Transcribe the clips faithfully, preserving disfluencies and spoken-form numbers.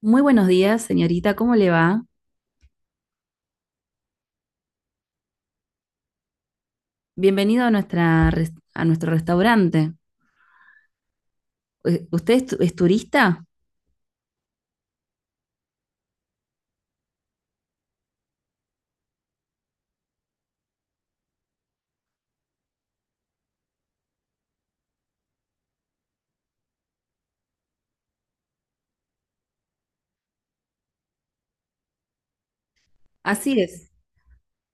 Muy buenos días, señorita, ¿cómo le va? Bienvenido a nuestra res- a nuestro restaurante. Eh, ¿Usted es, tu- es turista? Así es.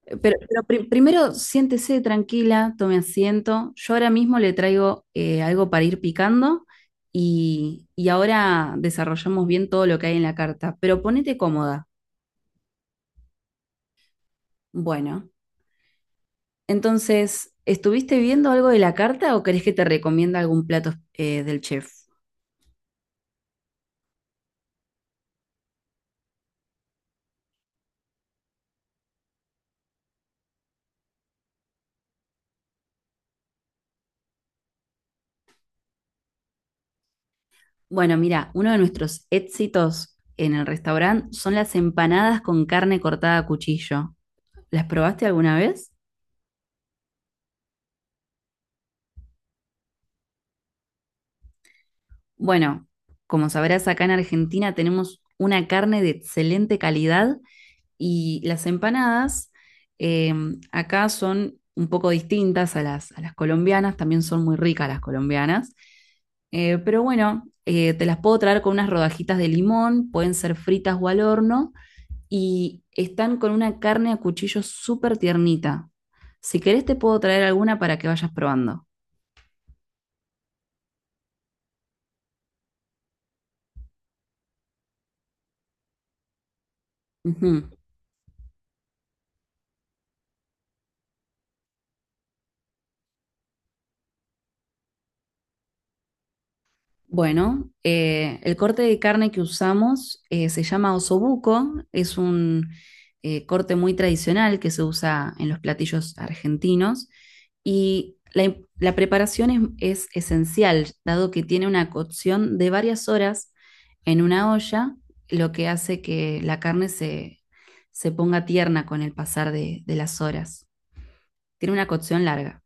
Eh, Pero, pero pri- primero siéntese tranquila, tome asiento. Yo ahora mismo le traigo eh, algo para ir picando y, y ahora desarrollamos bien todo lo que hay en la carta. Pero ponete cómoda. Bueno, entonces, ¿estuviste viendo algo de la carta o crees que te recomienda algún plato eh, del chef? Bueno, mira, uno de nuestros éxitos en el restaurante son las empanadas con carne cortada a cuchillo. ¿Las probaste alguna vez? Bueno, como sabrás, acá en Argentina tenemos una carne de excelente calidad y las empanadas, eh, acá son un poco distintas a las, a las colombianas, también son muy ricas las colombianas. Eh, pero bueno, eh, te las puedo traer con unas rodajitas de limón, pueden ser fritas o al horno y están con una carne a cuchillo súper tiernita. Si querés te puedo traer alguna para que vayas probando. Ujú. Bueno, eh, el corte de carne que usamos eh, se llama osobuco, es un eh, corte muy tradicional que se usa en los platillos argentinos y la, im- la preparación es, es esencial, dado que tiene una cocción de varias horas en una olla, lo que hace que la carne se, se ponga tierna con el pasar de de las horas. Tiene una cocción larga.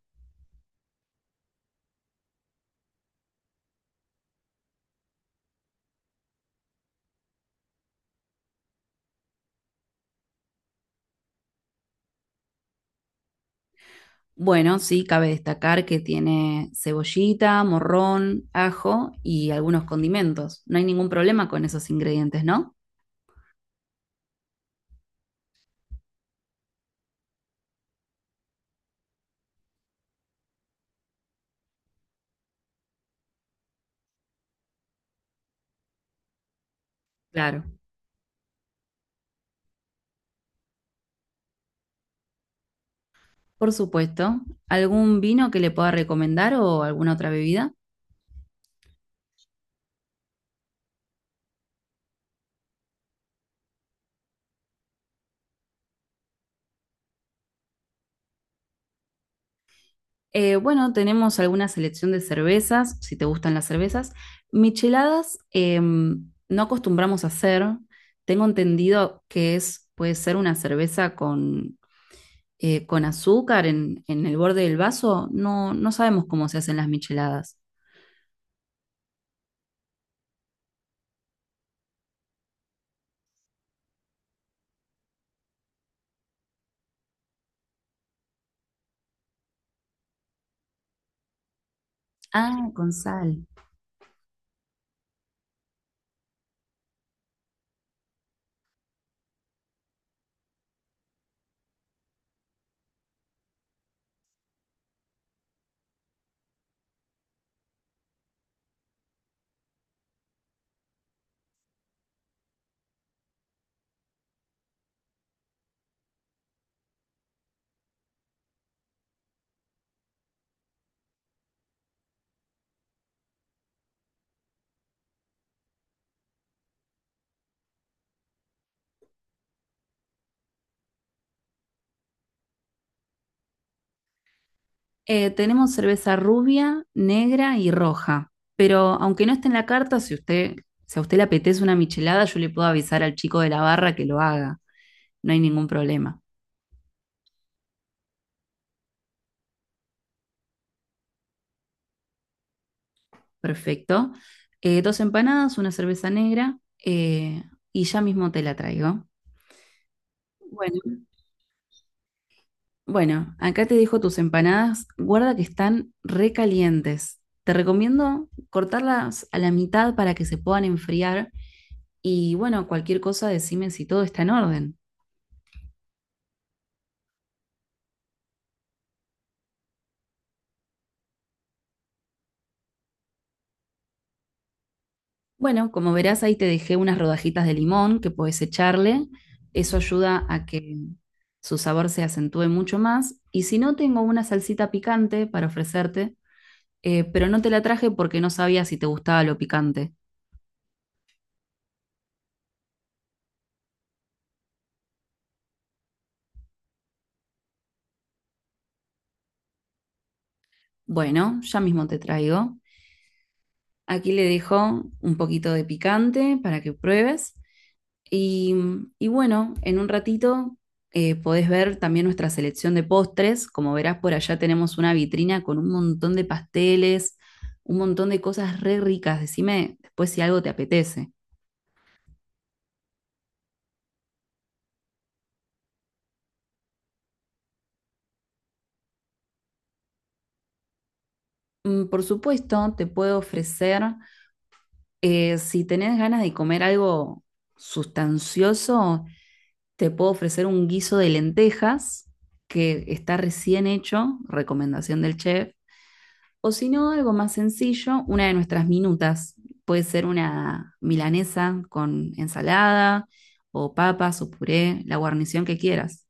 Bueno, sí, cabe destacar que tiene cebollita, morrón, ajo y algunos condimentos. No hay ningún problema con esos ingredientes, ¿no? Claro. Por supuesto. ¿Algún vino que le pueda recomendar o alguna otra bebida? Eh, bueno, tenemos alguna selección de cervezas, si te gustan las cervezas. Micheladas eh, no acostumbramos a hacer. Tengo entendido que es, puede ser una cerveza con eh, con azúcar en, en el borde del vaso, no, no sabemos cómo se hacen las micheladas. Ah, con sal. Eh, tenemos cerveza rubia, negra y roja. Pero aunque no esté en la carta, si usted, si a usted le apetece una michelada, yo le puedo avisar al chico de la barra que lo haga. No hay ningún problema. Perfecto. Eh, dos empanadas, una cerveza negra, eh, y ya mismo te la traigo. Bueno. Bueno, acá te dejo tus empanadas. Guarda que están recalientes. Te recomiendo cortarlas a la mitad para que se puedan enfriar. Y bueno, cualquier cosa decime si todo está en orden. Bueno, como verás, ahí te dejé unas rodajitas de limón que puedes echarle. Eso ayuda a que su sabor se acentúe mucho más. Y si no, tengo una salsita picante para ofrecerte, eh, pero no te la traje porque no sabía si te gustaba lo picante. Bueno, ya mismo te traigo. Aquí le dejo un poquito de picante para que pruebes. Y, y bueno, en un ratito eh, podés ver también nuestra selección de postres. Como verás, por allá tenemos una vitrina con un montón de pasteles, un montón de cosas re ricas. Decime después si algo te apetece. Mm, Por supuesto, te puedo ofrecer, eh, si tenés ganas de comer algo sustancioso, te puedo ofrecer un guiso de lentejas que está recién hecho, recomendación del chef. O si no, algo más sencillo, una de nuestras minutas. Puede ser una milanesa con ensalada o papas o puré, la guarnición que quieras.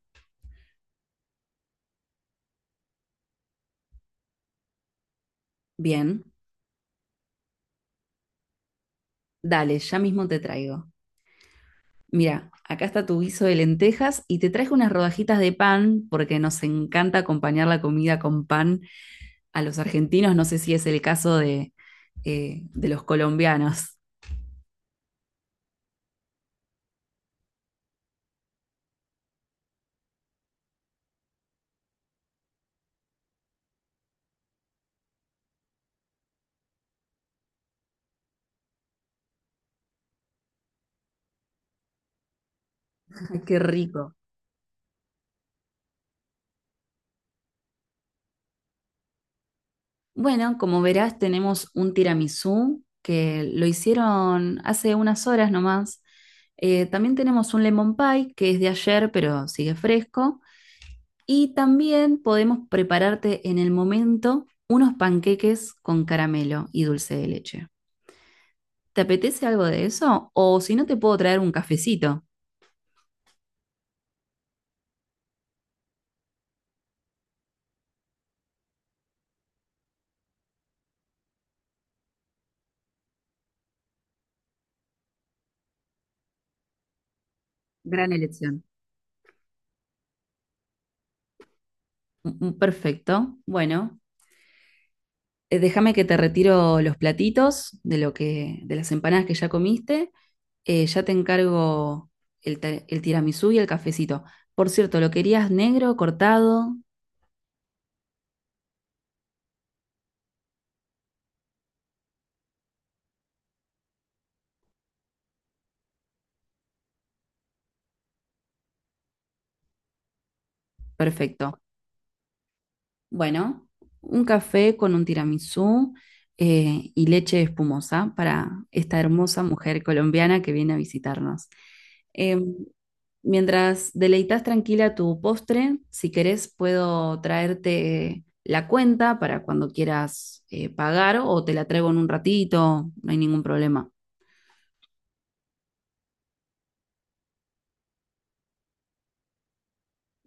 Bien, dale, ya mismo te traigo. Mira, acá está tu guiso de lentejas y te traje unas rodajitas de pan porque nos encanta acompañar la comida con pan. A los argentinos no sé si es el caso de, eh, de los colombianos. Ay, qué rico. Bueno, como verás, tenemos un tiramisú que lo hicieron hace unas horas nomás. Eh, también tenemos un lemon pie que es de ayer, pero sigue fresco. Y también podemos prepararte en el momento unos panqueques con caramelo y dulce de leche. ¿Te apetece algo de eso? O si no, te puedo traer un cafecito. Gran elección. Mm, mm, Perfecto. Bueno, Eh, déjame que te retiro los platitos de lo que, de las empanadas que ya comiste. Eh, ya te encargo el, ta- el tiramisú y el cafecito. Por cierto, ¿lo querías negro, cortado? Perfecto. Bueno, un café con un tiramisú, eh, y leche espumosa para esta hermosa mujer colombiana que viene a visitarnos. Em, mientras deleitas tranquila tu postre, si querés puedo traerte la cuenta para cuando quieras eh, pagar o te la traigo en un ratito, no hay ningún problema.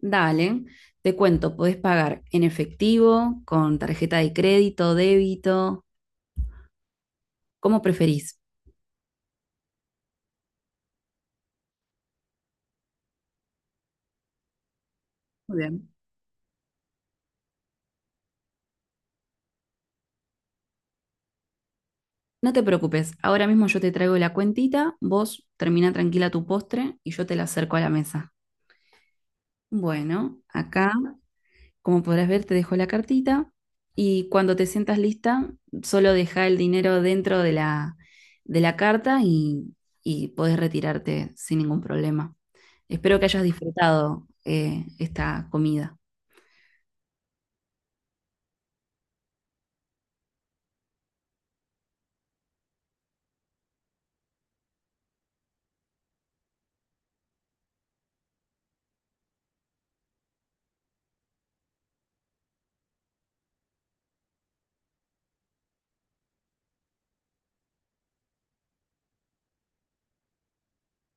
Dale, te cuento, podés pagar en efectivo, con tarjeta de crédito, débito, como preferís. Muy bien. No te preocupes, ahora mismo yo te traigo la cuentita, vos termina tranquila tu postre y yo te la acerco a la mesa. Bueno, acá, como podrás ver, te dejo la cartita y cuando te sientas lista, solo deja el dinero dentro de la, de la carta y, y podés retirarte sin ningún problema. Espero que hayas disfrutado eh, esta comida.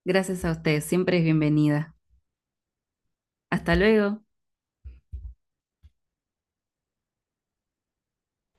Gracias a ustedes, siempre es bienvenida. Hasta luego.